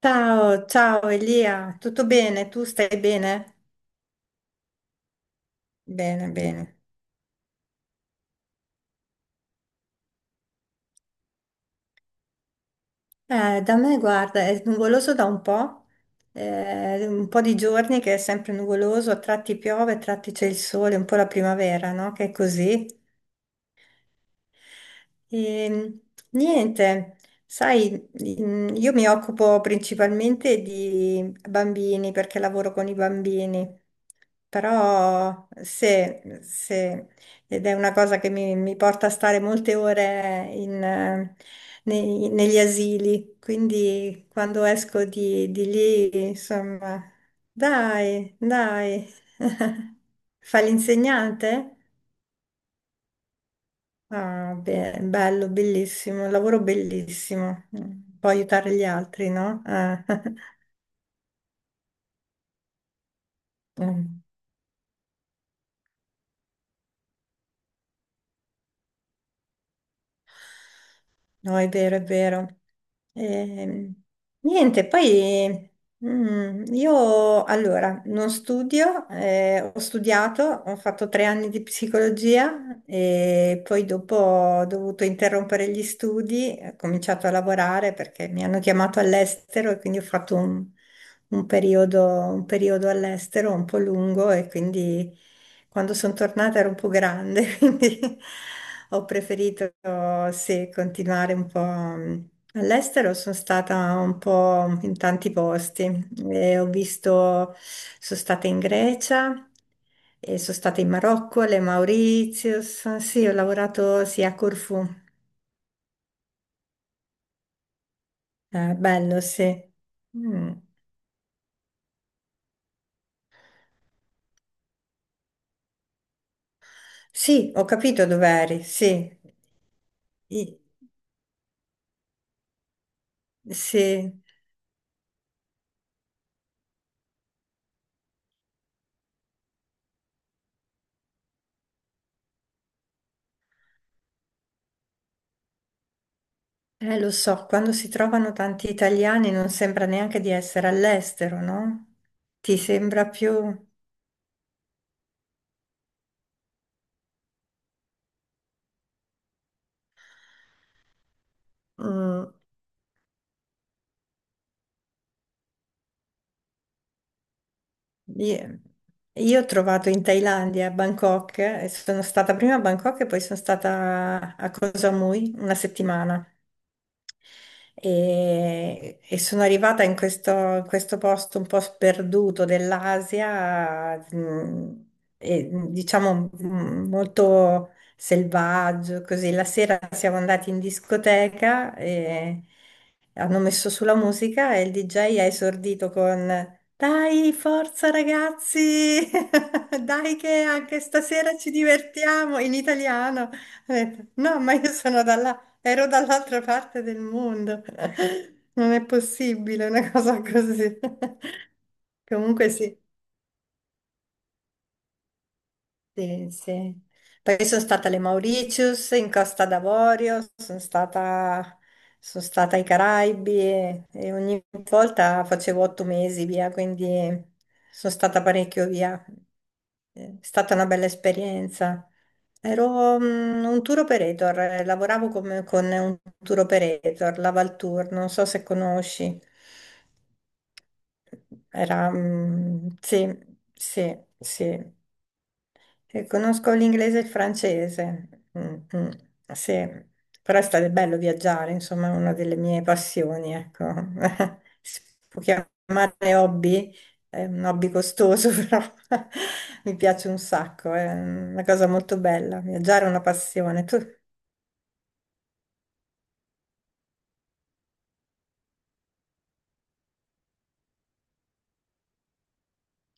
Ciao, ciao Elia, tutto bene? Tu stai bene? Bene, bene. Da me, guarda, è nuvoloso da un po' di giorni che è sempre nuvoloso, a tratti piove, a tratti c'è il sole, un po' la primavera, no? Che è così. E, niente, sai, io mi occupo principalmente di bambini perché lavoro con i bambini, però se. Ed è una cosa che mi porta a stare molte ore in, negli asili, quindi quando esco di lì, insomma, dai, dai. Fa l'insegnante? Ah, bello, bellissimo, un lavoro bellissimo. Mm, può aiutare gli altri, no? Mm. No, è vero, è vero. Ehm, Niente, poi io allora non studio, ho studiato, ho fatto 3 anni di psicologia e poi dopo ho dovuto interrompere gli studi, ho cominciato a lavorare perché mi hanno chiamato all'estero e quindi ho fatto un periodo all'estero un po' lungo e quindi... Quando sono tornata ero un po' grande, quindi ho preferito, sì, continuare un po' all'estero. Sono stata un po' in tanti posti. E ho visto, sono stata in Grecia, e sono stata in Marocco, le Mauritius. Sì, ho lavorato sì, a Corfù. Bello, sì. Mm. Sì, ho capito dove eri, sì. I- Sì. Lo so, quando si trovano tanti italiani non sembra neanche di essere all'estero, no? Ti sembra più... Mm, io, io ho trovato in Thailandia, a Bangkok, e sono stata prima a Bangkok e poi sono stata a Koh Samui una settimana. E sono arrivata in questo posto un po' sperduto dell'Asia, e, diciamo molto selvaggio, così. La sera siamo andati in discoteca e hanno messo sulla musica e il DJ ha esordito con: "Dai, forza ragazzi! Dai che anche stasera ci divertiamo in italiano." Ho detto: "No, ma io sono dalla..." Ero dall'altra parte del mondo. Non è possibile una cosa così. Comunque sì, sì, sì. Poi sono stata alle Mauritius, in Costa d'Avorio, sono stata ai Caraibi e ogni volta facevo 8 mesi via, quindi sono stata parecchio via. È stata una bella esperienza. Ero un tour operator, con un tour operator, la Valtour, non so se conosci. Era, mm, sì, sì, sì. Sì, conosco l'inglese e il francese. Mm, mm, sì, però è stato bello viaggiare, insomma, è una delle mie passioni, ecco. Si può chiamare hobby, è un hobby costoso, però mi piace un sacco, è una cosa molto bella. Viaggiare è una passione. Tu,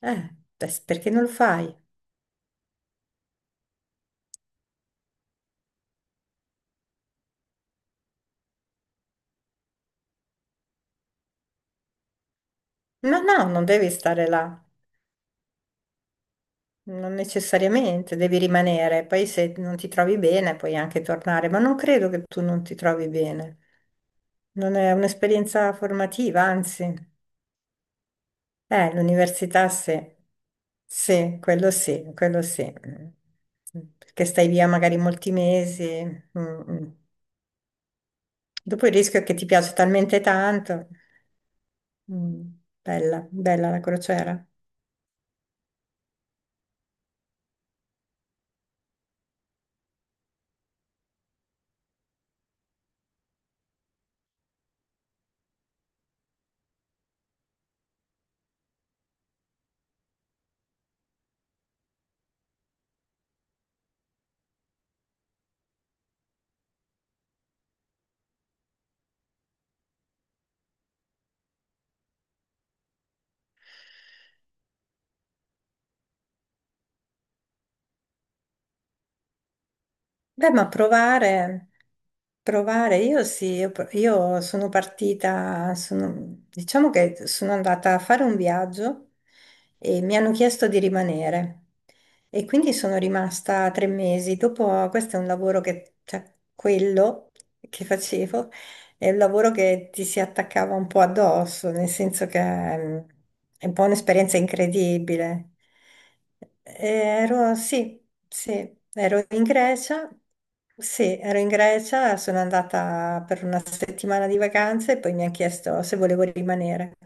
eh, beh, perché non lo fai? No, no, non devi stare là, non necessariamente, devi rimanere. Poi se non ti trovi bene puoi anche tornare, ma non credo che tu non ti trovi bene. Non è un'esperienza formativa, anzi, l'università sì, sì, quello sì, quello sì, perché stai via magari molti mesi. Mm, mm. Dopo il rischio è che ti piace talmente tanto. Mm, bella, bella la crociera. Beh, ma provare, io sì, io sono partita, diciamo che sono andata a fare un viaggio e mi hanno chiesto di rimanere e quindi sono rimasta 3 mesi. Dopo, questo è un lavoro che, cioè, quello che facevo, è un lavoro che ti si attaccava un po' addosso, nel senso che mm, è un po' un'esperienza incredibile. Ero, sì, sì, ero in Grecia, sì, ero in Grecia, sono andata per una settimana di vacanze e poi mi ha chiesto se volevo rimanere.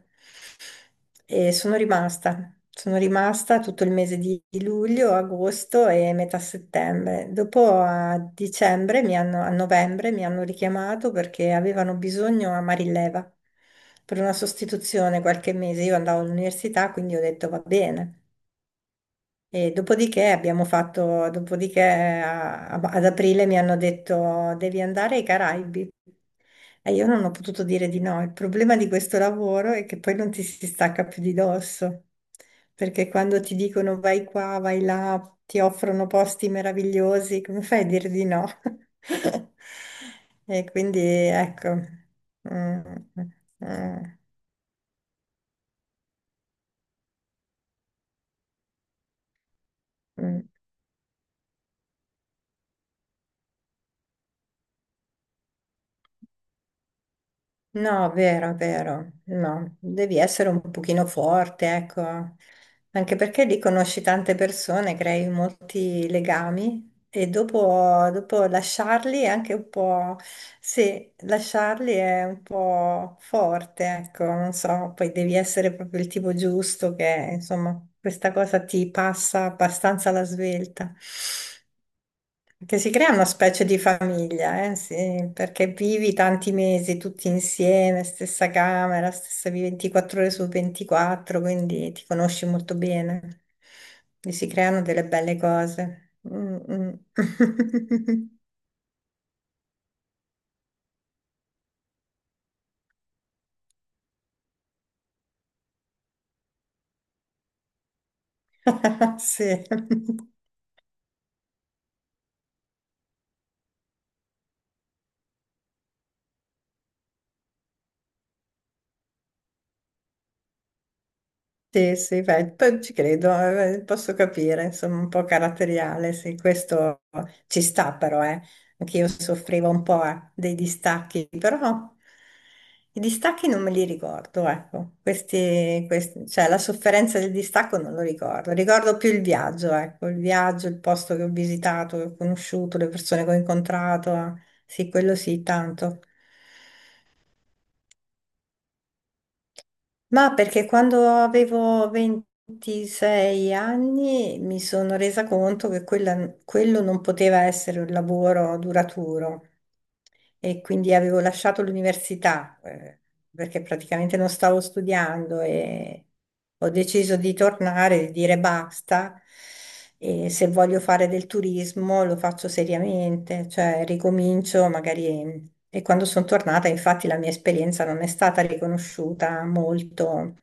E sono rimasta tutto il mese di luglio, agosto e metà settembre. Dopo a dicembre, mi hanno, a novembre, mi hanno richiamato perché avevano bisogno a Marileva per una sostituzione qualche mese. Io andavo all'università, quindi ho detto va bene. E dopodiché ad aprile mi hanno detto devi andare ai Caraibi e io non ho potuto dire di no. Il problema di questo lavoro è che poi non ti si stacca più di dosso, perché quando ti dicono vai qua, vai là, ti offrono posti meravigliosi, come fai a dire di no? E quindi ecco. Mm, mm, mm. Mm. No, vero, vero, no, devi essere un pochino forte, ecco, anche perché lì conosci tante persone, crei molti legami e dopo, dopo lasciarli è anche un po', sì, lasciarli è un po' forte, ecco, non so, poi devi essere proprio il tipo giusto che, insomma, questa cosa ti passa abbastanza alla svelta. Che si crea una specie di famiglia, sì, perché vivi tanti mesi tutti insieme, stessa camera, stessa vivi 24 ore su 24, quindi ti conosci molto bene. E si creano delle belle cose. Mm, mm. Sì. Sì, sì, beh, poi ci credo, posso capire, insomma, un po' caratteriale, sì, questo ci sta però, eh. Anche io soffrivo un po', dei distacchi, però i distacchi non me li ricordo, ecco, cioè la sofferenza del distacco non lo ricordo, ricordo più il viaggio, ecco, il viaggio, il posto che ho visitato, che ho conosciuto, le persone che ho incontrato, eh. Sì, quello sì, tanto. Ma perché quando avevo 26 anni mi sono resa conto che quello non poteva essere un lavoro duraturo e quindi avevo lasciato l'università perché praticamente non stavo studiando e ho deciso di tornare, di dire basta e se voglio fare del turismo lo faccio seriamente, cioè ricomincio magari. E quando sono tornata, infatti, la mia esperienza non è stata riconosciuta molto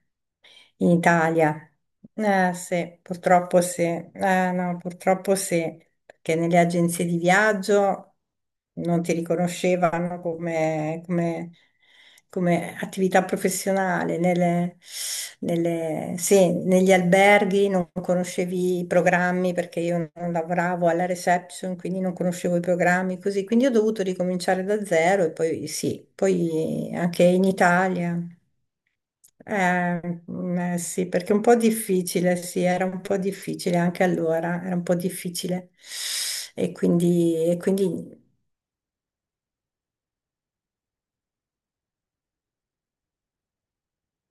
in Italia. Eh sì, purtroppo sì, eh no, purtroppo sì, perché nelle agenzie di viaggio non ti riconoscevano come attività professionale, sì, negli alberghi non conoscevi i programmi perché io non lavoravo alla reception, quindi non conoscevo i programmi così, quindi ho dovuto ricominciare da zero e poi sì, poi anche in Italia. Eh, sì, perché è un po' difficile, sì, era un po' difficile anche allora, era un po' difficile. E quindi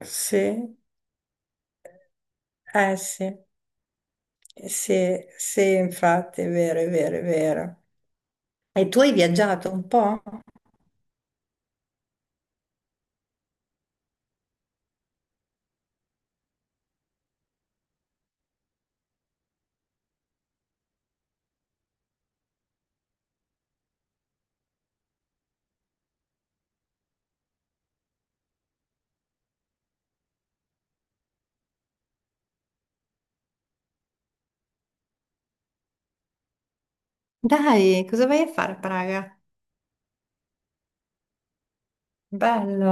sì, sì, sì, sì, infatti, è vero, è vero, è vero. E tu hai viaggiato un po'? Dai, cosa vai a fare a Praga? Bello,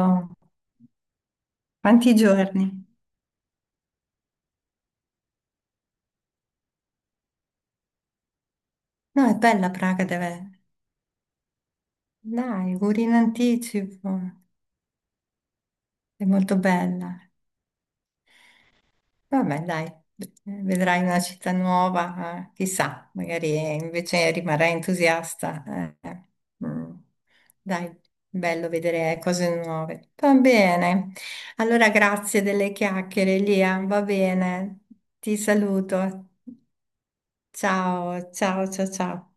quanti giorni? No, è bella Praga, deve... Dai, auguri in anticipo, è molto bella. Vabbè, dai, vedrai una città nuova, chissà, magari invece rimarrai entusiasta. Eh, eh. Mm. Dai, bello vedere cose nuove. Va bene. Allora, grazie delle chiacchiere, Lia. Va bene. Ti saluto. Ciao, ciao, ciao, ciao.